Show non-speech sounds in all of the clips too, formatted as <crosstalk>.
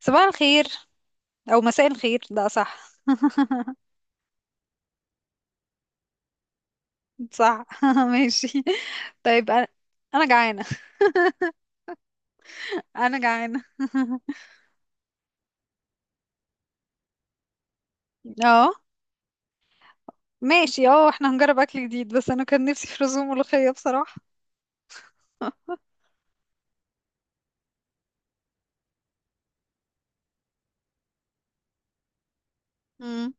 صباح الخير، او مساء الخير، لا صح. صح. <laughs> ماشي. طيب، انا جعانه. انا جعانه. اه ماشي. اه احنا هنجرب اكل جديد، بس انا كان نفسي في رز وملوخيه بصراحه. <laughs> امم.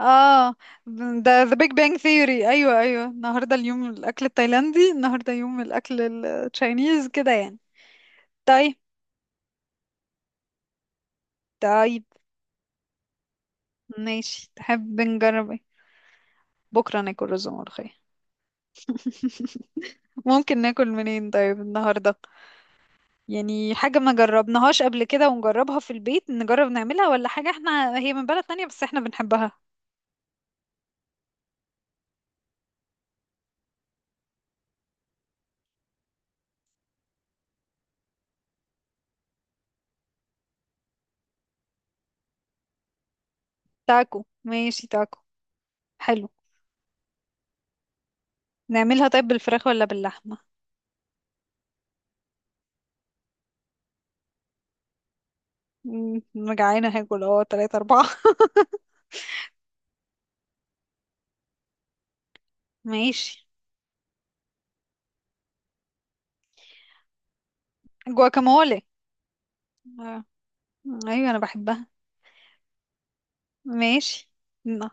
اه ده ذا بيج بانج ثيوري. ايوه ايوه، النهارده اليوم الاكل التايلاندي، النهارده يوم الاكل التشاينيز كده يعني. طيب طيب. ماشي، تحب نجرب ايه؟ بكره ناكل رز وملوخيه. <laughs> ممكن ناكل منين طيب النهارده؟ يعني حاجة ما جربناهاش قبل كده ونجربها في البيت، نجرب نعملها، ولا حاجة احنا هي من بلد تانية بس احنا بنحبها. تاكو، ماشي تاكو، حلو. نعملها طيب بالفراخ ولا باللحمة؟ مم، أنا جعانة هاكل تلاتة أربعة. <laughs> ماشي. جواكامولي. آه، أيوة أنا بحبها. ماشي. ن-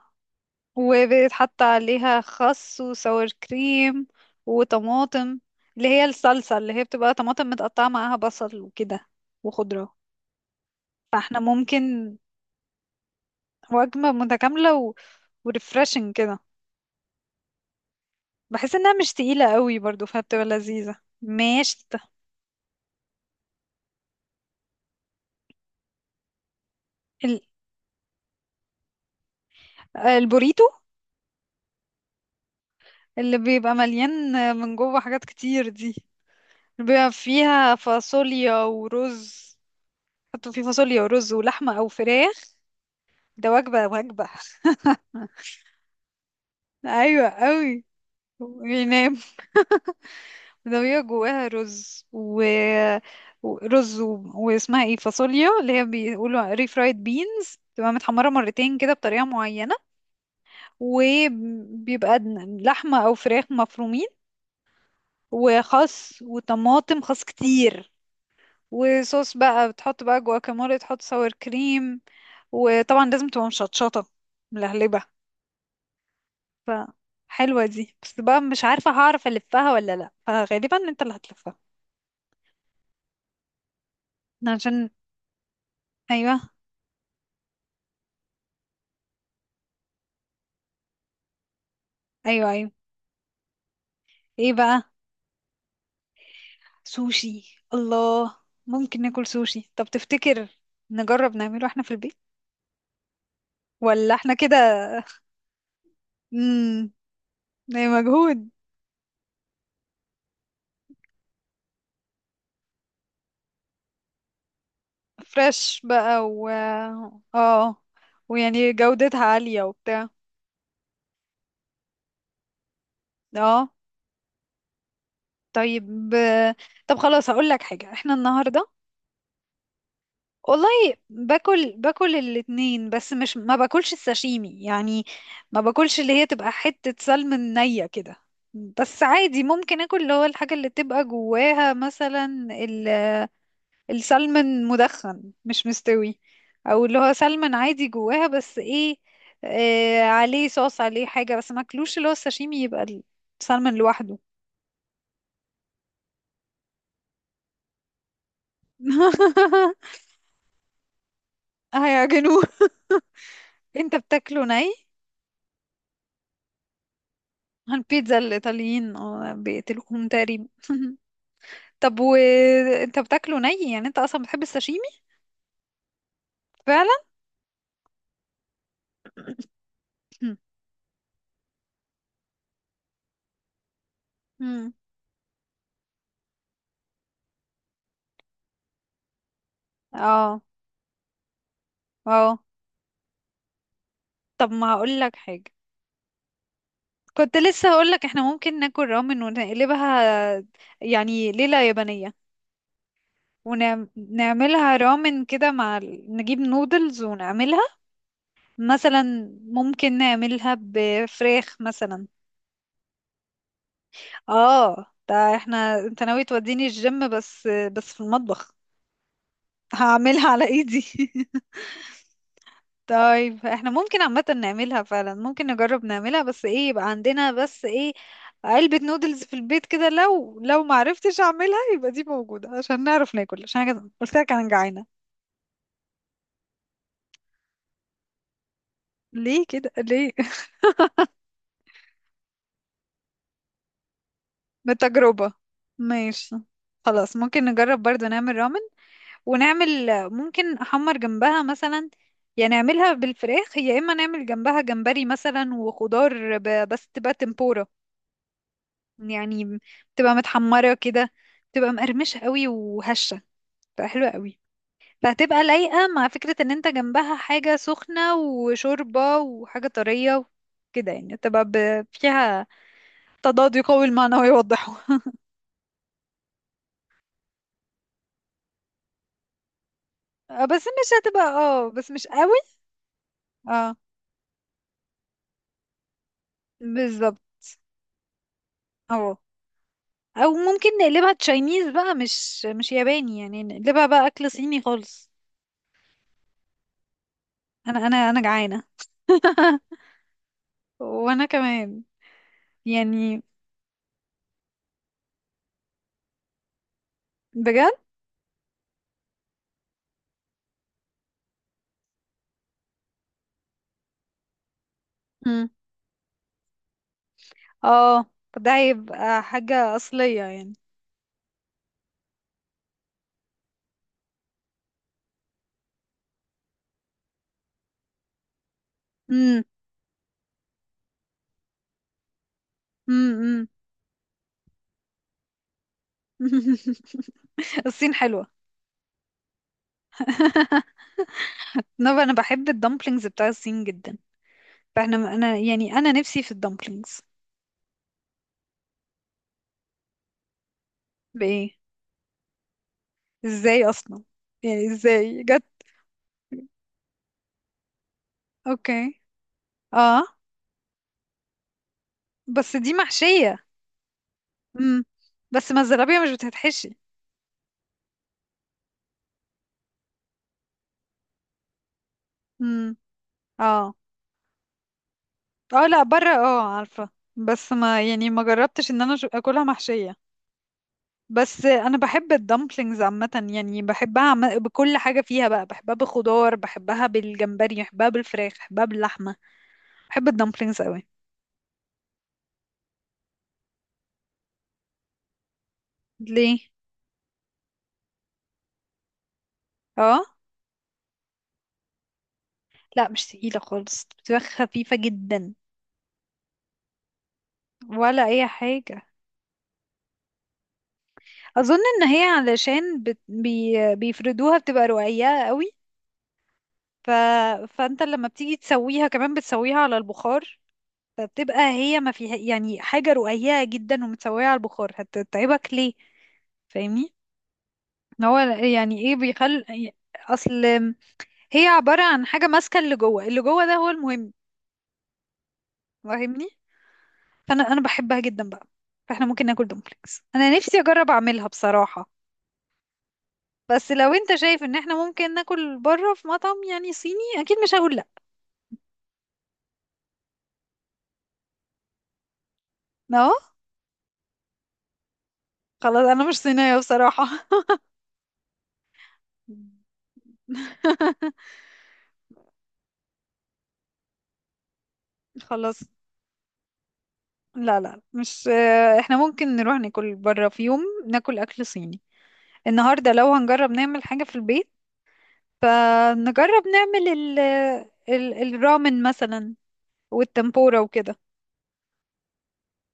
وبيتحط عليها خس وسور كريم وطماطم، اللي هي الصلصة، اللي هي بتبقى طماطم متقطعة معاها بصل وكده، وخضرة. فاحنا ممكن. وجبة متكاملة و... وريفرشنج كده. بحس انها مش تقيلة قوي برضو، فبتبقى لذيذة. ماشي. ال... البوريتو، اللي بيبقى مليان من جوه حاجات كتير دي، اللي بيبقى فيها فاصوليا ورز. حطوا فيه فاصوليا ورز ولحمة او فراخ. ده وجبة وجبة. <laughs> ايوه قوي. وينام. <laughs> ده بيبقى جواها رز ورز و... واسمها ايه، فاصوليا، اللي هي بيقولوا ري فرايد بينز، تبقى متحمرة مرتين كده بطريقة معينة. وبيبقى لحمة أو فراخ مفرومين، وخس وطماطم، خس كتير، وصوص بقى، بتحط بقى جواكامولي، تحط ساور كريم، وطبعا لازم تبقى مشطشطة، ملهلبة. ف حلوة دي، بس بقى مش عارفة هعرف ألفها ولا لأ، فغالبا انت اللي هتلفها. عشان. أيوة أيوة أيوة. ايه بقى؟ سوشي، الله. ممكن ناكل سوشي. طب تفتكر نجرب نعمله احنا في البيت ولا احنا كده؟ امم. ده مجهود. فريش بقى و اه، ويعني جودتها عالية وبتاع. اه طيب. طب خلاص، هقول لك حاجة، احنا النهاردة. والله، باكل الاتنين، بس مش، ما باكلش الساشيمي يعني. ما باكلش اللي هي تبقى حتة سلمون نية كده. بس عادي ممكن اكل اللي هو الحاجة اللي تبقى جواها، مثلا السلمون مدخن مش مستوي. او اللي هو سلمون عادي جواها، بس ايه، آه، عليه صوص، عليه حاجة، بس ما اكلوش اللي هو الساشيمي، يبقى السلمون لوحده. <laughs> هيعجنوه. انت بتاكله ني. البيتزا الإيطاليين آه، بيقتلوهم تقريبا. <laughs> طب وانت بتاكله ني، يعني انت اصلا بتحب الساشيمي؟ فعلا. مم. اه اه. طب ما هقول لك حاجة، كنت لسه هقولك احنا ممكن ناكل رامن ونقلبها يعني ليلة يابانية. ونعملها رامن كده مع نجيب نودلز ونعملها، مثلا ممكن نعملها بفراخ مثلا. اه ده احنا، انت ناوي توديني الجيم، بس في المطبخ. هعملها على ايدي. <laughs> طيب احنا ممكن عامة نعملها، فعلا ممكن نجرب نعملها، بس ايه يبقى عندنا، بس ايه، علبة نودلز في البيت كده، لو معرفتش اعملها يبقى دي موجودة عشان نعرف ناكل، عشان أنا قلت لك انا جعانة. ليه كده ليه؟ <laughs> بالتجربة. ماشي. خلاص ممكن نجرب برضو نعمل رامن، ونعمل ممكن احمر جنبها مثلا، يعني نعملها بالفراخ، يا اما نعمل جنبها جمبري مثلا وخضار، بس تبقى تمبورا يعني، بتبقى متحمرة كده، بتبقى مقرمشة قوي وهشة، بتبقى حلوة قوي، فهتبقى لايقة مع فكرة ان انت جنبها حاجة سخنة وشوربة وحاجة طرية، كده يعني تبقى فيها تضاد يقوي المعنى ويوضحه. <laughs> آه، بس مش هتبقى، بس مش قوي. اه بالظبط. اه، او ممكن نقلبها تشاينيز بقى، مش ياباني، يعني نقلبها بقى اكل صيني خالص. انا جعانه. <laughs> وانا كمان. يعني بجد. اه، فده هيبقى حاجة أصلية يعني. امم. امم. <laughs> الصين حلوة. <laughs> نبقى، أنا بحب الدمبلينجز بتاع الصين جدا، فاحنا، أنا يعني، أنا نفسي في الدمبلينجز. بإيه؟ إزاي أصلا، يعني إزاي جت؟ أوكي. اه. بس دي محشية. امم. بس ما الزرابية مش بتتحشي. امم. اه اه لا، بره، عارفة، بس ما يعني ما جربتش ان انا اكلها محشية. بس انا بحب الدمبلينجز عامه، يعني بحبها، بكل حاجه فيها بقى، بحبها بخضار، بحبها بالجمبري، بحبها بالفراخ، بحبها باللحمه. بحب الدمبلينجز قوي. ليه. اه لا، مش تقيله خالص، بتبقى خفيفه جدا. ولا اي حاجه. اظن ان هي علشان بيفردوها، بتبقى رقيقه قوي. ف... فانت لما بتيجي تسويها كمان بتسويها على البخار، فبتبقى هي ما فيها يعني حاجه رقيقه جدا، ومتسويه على البخار، هتتعبك ليه؟ فاهمني. هو يعني ايه بيخل، اصل هي عبارة عن حاجة ماسكة، اللي جوه، اللي جوه ده هو المهم. فاهمني. فانا بحبها جدا بقى. فاحنا ممكن ناكل دومبلينجز، انا نفسي اجرب اعملها بصراحة. بس لو انت شايف ان احنا ممكن ناكل بره في مطعم يعني صيني، اكيد مش هقول لا. اه. خلاص، انا مش صينية بصراحة. <laughs> خلاص. لا لا، مش، احنا ممكن نروح ناكل بره في يوم، ناكل اكل صيني. النهارده لو هنجرب نعمل حاجة في البيت، فنجرب نعمل ال الرامن مثلا، والتمبورا وكده.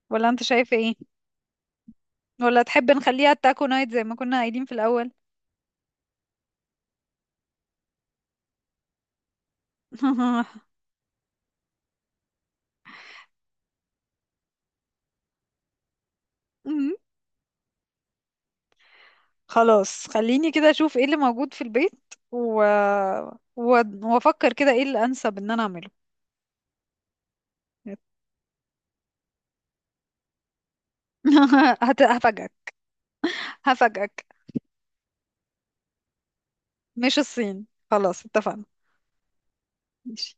ولا انت شايفة ايه؟ ولا تحب نخليها تاكو نايت زي ما كنا قايلين في الأول؟ <laughs> مم. خلاص، خليني كده اشوف ايه اللي موجود في البيت و... و... وافكر كده ايه اللي انسب ان انا اعمله. <laughs> هفاجئك. هفاجئك، مش الصين، خلاص اتفقنا. ماشي.